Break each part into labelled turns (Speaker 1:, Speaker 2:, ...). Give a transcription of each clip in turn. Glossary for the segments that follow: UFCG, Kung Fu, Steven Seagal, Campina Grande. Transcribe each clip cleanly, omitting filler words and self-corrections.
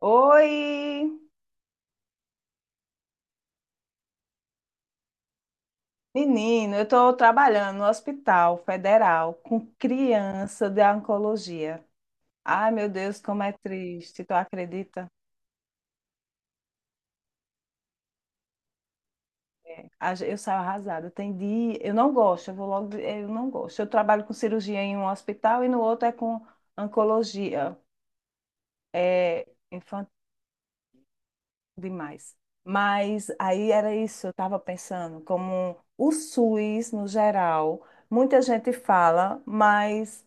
Speaker 1: Oi, menino, eu estou trabalhando no Hospital Federal com criança de oncologia. Ai, meu Deus, como é triste, tu acredita? Eu saio arrasada. Tem dia, eu não gosto, eu vou logo, eu não gosto. Eu trabalho com cirurgia em um hospital e no outro é com oncologia, é, demais. Mas aí era isso, eu estava pensando, como o SUS, no geral, muita gente fala, mas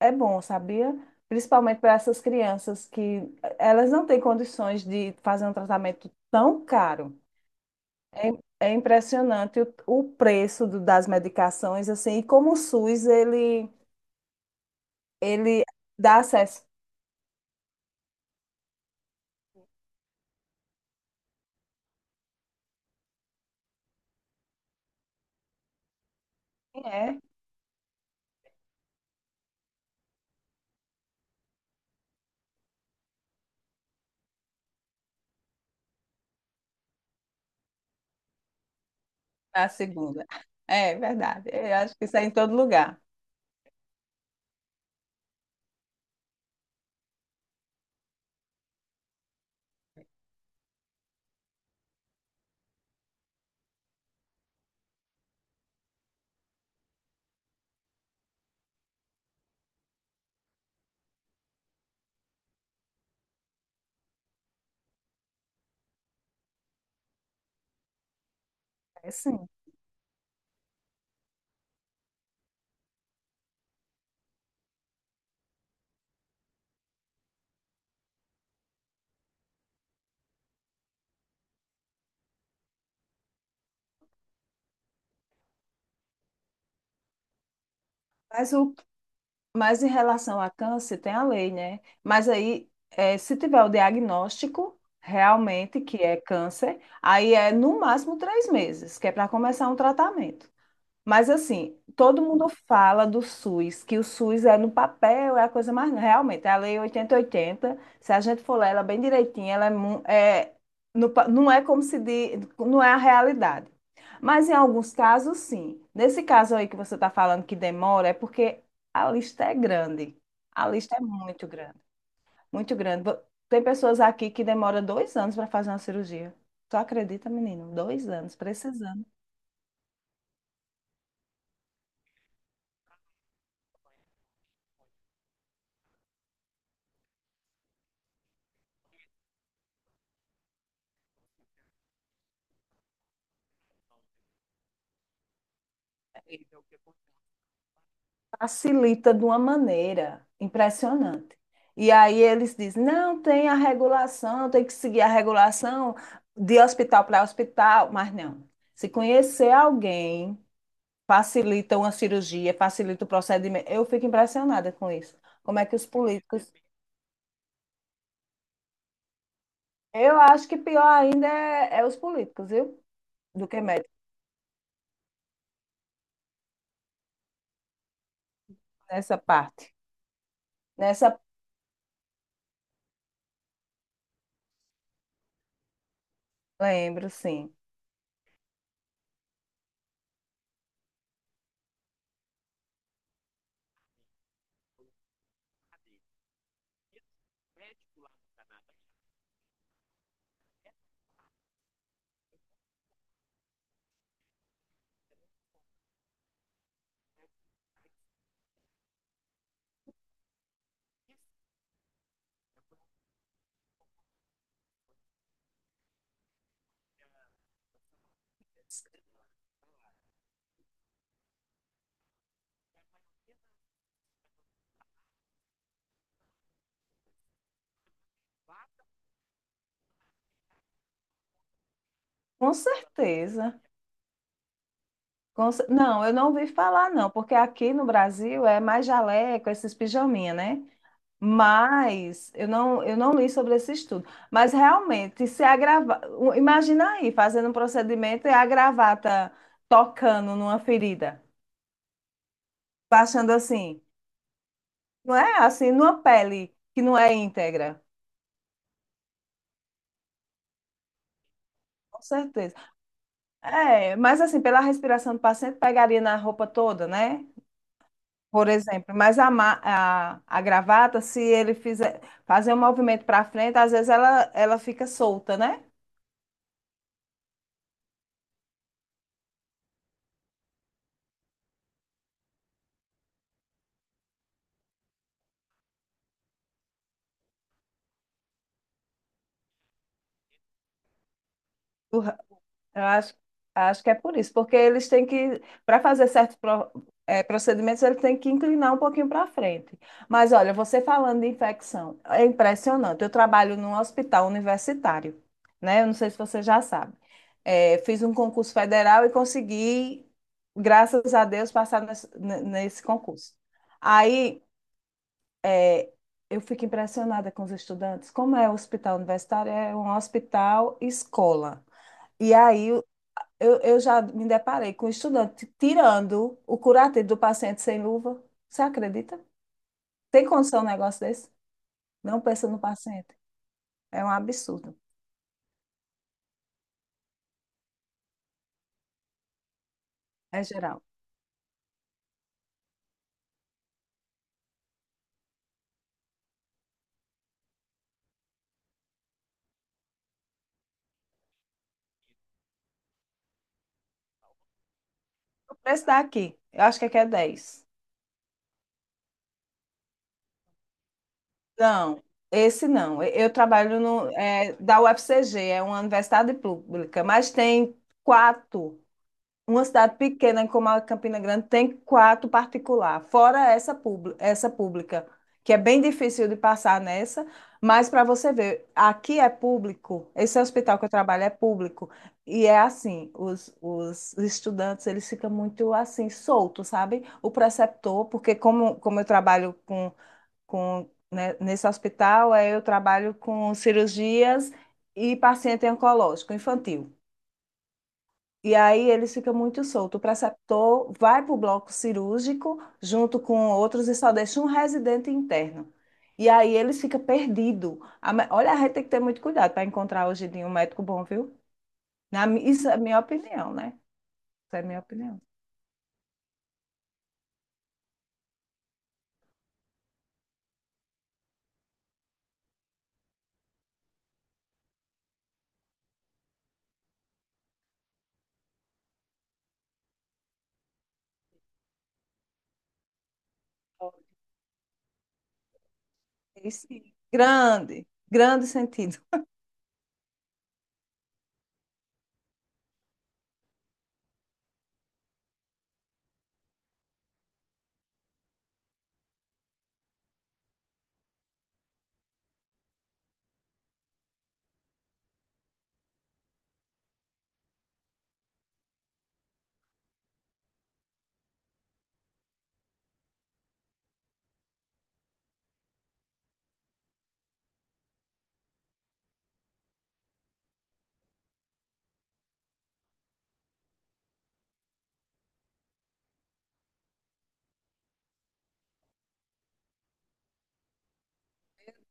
Speaker 1: é bom, sabia? Principalmente para essas crianças que elas não têm condições de fazer um tratamento tão caro. É impressionante o preço das medicações, assim, e como o SUS, ele dá acesso. Quem é? A segunda. É verdade, eu acho que isso é em todo lugar. É sim. Mas, o, mas em relação a câncer, tem a lei, né? Mas aí, se tiver o diagnóstico realmente que é câncer, aí é no máximo 3 meses, que é para começar um tratamento. Mas assim, todo mundo fala do SUS, que o SUS é no papel, é a coisa mais. Realmente, é a Lei 8.080, se a gente for ler ela bem direitinho, ela é, não é como se diz, não é a realidade. Mas em alguns casos, sim. Nesse caso aí que você está falando que demora, é porque a lista é grande. A lista é muito grande, muito grande. Tem pessoas aqui que demoram 2 anos para fazer uma cirurgia. Tu acredita, menino? 2 anos, precisando. Facilita de uma maneira impressionante. E aí eles dizem, não, tem a regulação, tem que seguir a regulação de hospital para hospital, mas não. Se conhecer alguém, facilita uma cirurgia, facilita o procedimento. Eu fico impressionada com isso. Como é que os políticos. Eu acho que pior ainda é os políticos, viu? Do que médicos nessa parte. Nessa, Lembro, sim. Com certeza. Não, eu não ouvi falar, não, porque aqui no Brasil é mais jaleco, esses pijaminha, né? Mas eu não li sobre esse estudo. Mas realmente, se a grava- o- imagina aí, fazendo um procedimento e a gravata tocando numa ferida, baixando assim, não é? Assim, numa pele que não é íntegra. Com certeza. É, mas assim, pela respiração do paciente, pegaria na roupa toda, né? Por exemplo, mas a gravata, se ele fizer fazer um movimento para frente, às vezes ela fica solta, né? Eu acho que é por isso, porque eles têm que, para fazer certos procedimentos, eles têm que inclinar um pouquinho para frente. Mas olha, você falando de infecção, é impressionante. Eu trabalho num hospital universitário, né? Eu não sei se você já sabe. Eh, fiz um concurso federal e consegui, graças a Deus, passar nesse concurso. Aí É, eu fico impressionada com os estudantes. Como é o hospital universitário? É um hospital escola. E aí eu já me deparei com um estudante tirando o curativo do paciente sem luva. Você acredita? Tem condição um negócio desse? Não pensa no paciente. É um absurdo. É geral. O preço daqui, eu acho que aqui é 10. Não, esse não. Eu trabalho no, é, da UFCG, é uma universidade pública, mas tem quatro. Uma cidade pequena como a Campina Grande tem quatro particular, fora essa, essa pública, que é bem difícil de passar nessa, mas para você ver, aqui é público, esse hospital que eu trabalho é público, e é assim, os estudantes, eles ficam muito assim, soltos, sabe? O preceptor, porque como eu trabalho né, nesse hospital, aí eu trabalho com cirurgias e paciente oncológico infantil. E aí eles ficam muito soltos. O preceptor vai para o bloco cirúrgico junto com outros e só deixa um residente interno. E aí eles ficam perdidos. Olha, a gente tem que ter muito cuidado para encontrar hoje em dia um médico bom, viu? Isso é minha opinião, né? Isso é minha opinião. Isso, grande, grande sentido.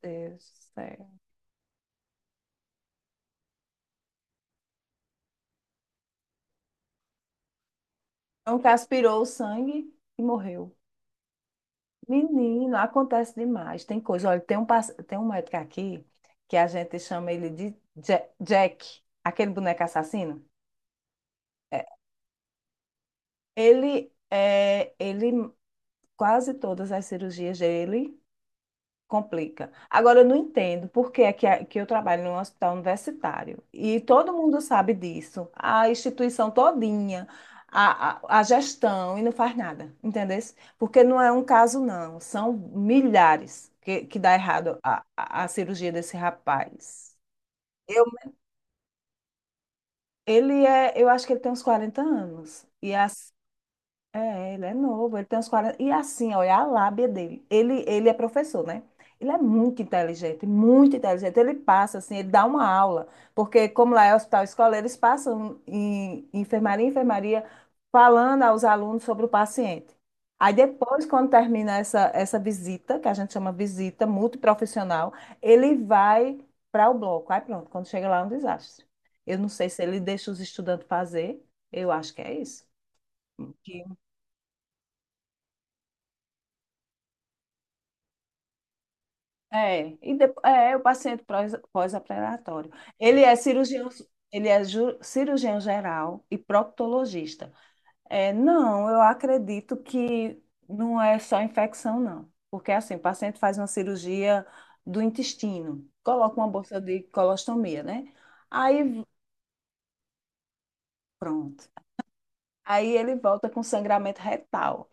Speaker 1: Deus do céu. Um que aspirou o sangue e morreu. Menino, acontece demais. Tem coisa. Olha, tem um médico aqui que a gente chama ele de Jack, aquele boneco assassino. É, ele quase todas as cirurgias dele. Complica. Agora, eu não entendo por que é que, que eu trabalho num hospital universitário e todo mundo sabe disso, a instituição todinha, a gestão, e não faz nada, entendeu? Porque não é um caso, não, são milhares que dá errado a cirurgia desse rapaz. Eu, eu acho que ele tem uns 40 anos. É, ele é novo, ele tem uns quarenta. E assim, olha a lábia dele. Ele é professor, né? Ele é muito inteligente, muito inteligente. Ele passa, assim, ele dá uma aula. Porque, como lá é hospital escola, eles passam em enfermaria, enfermaria, falando aos alunos sobre o paciente. Aí depois, quando termina essa visita, que a gente chama visita multiprofissional, ele vai para o bloco. Aí pronto, quando chega lá é um desastre. Eu não sei se ele deixa os estudantes fazer, eu acho que é isso. É o paciente pós-operatório. Ele é cirurgião, ele é cirurgião geral e proctologista. É, não, eu acredito que não é só infecção, não. Porque assim, o paciente faz uma cirurgia do intestino, coloca uma bolsa de colostomia, né? Aí, pronto. Aí ele volta com sangramento retal.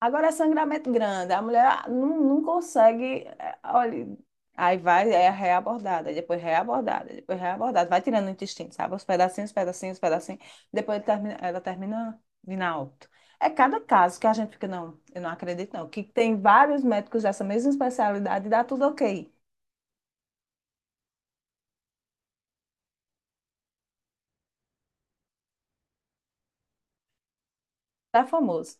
Speaker 1: Agora é sangramento grande, a mulher ah, não, não consegue, é, olha, aí vai, é reabordada, depois reabordada, depois reabordada, vai tirando o intestino, sabe? Os pedacinhos, pedacinhos, pedacinhos, depois ela termina vindo a óbito. É cada caso que a gente fica, não, eu não acredito não, que tem vários médicos dessa mesma especialidade e dá tudo ok, tá famoso,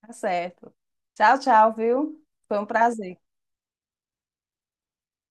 Speaker 1: tá certo. Tchau, tchau, viu? Foi um prazer.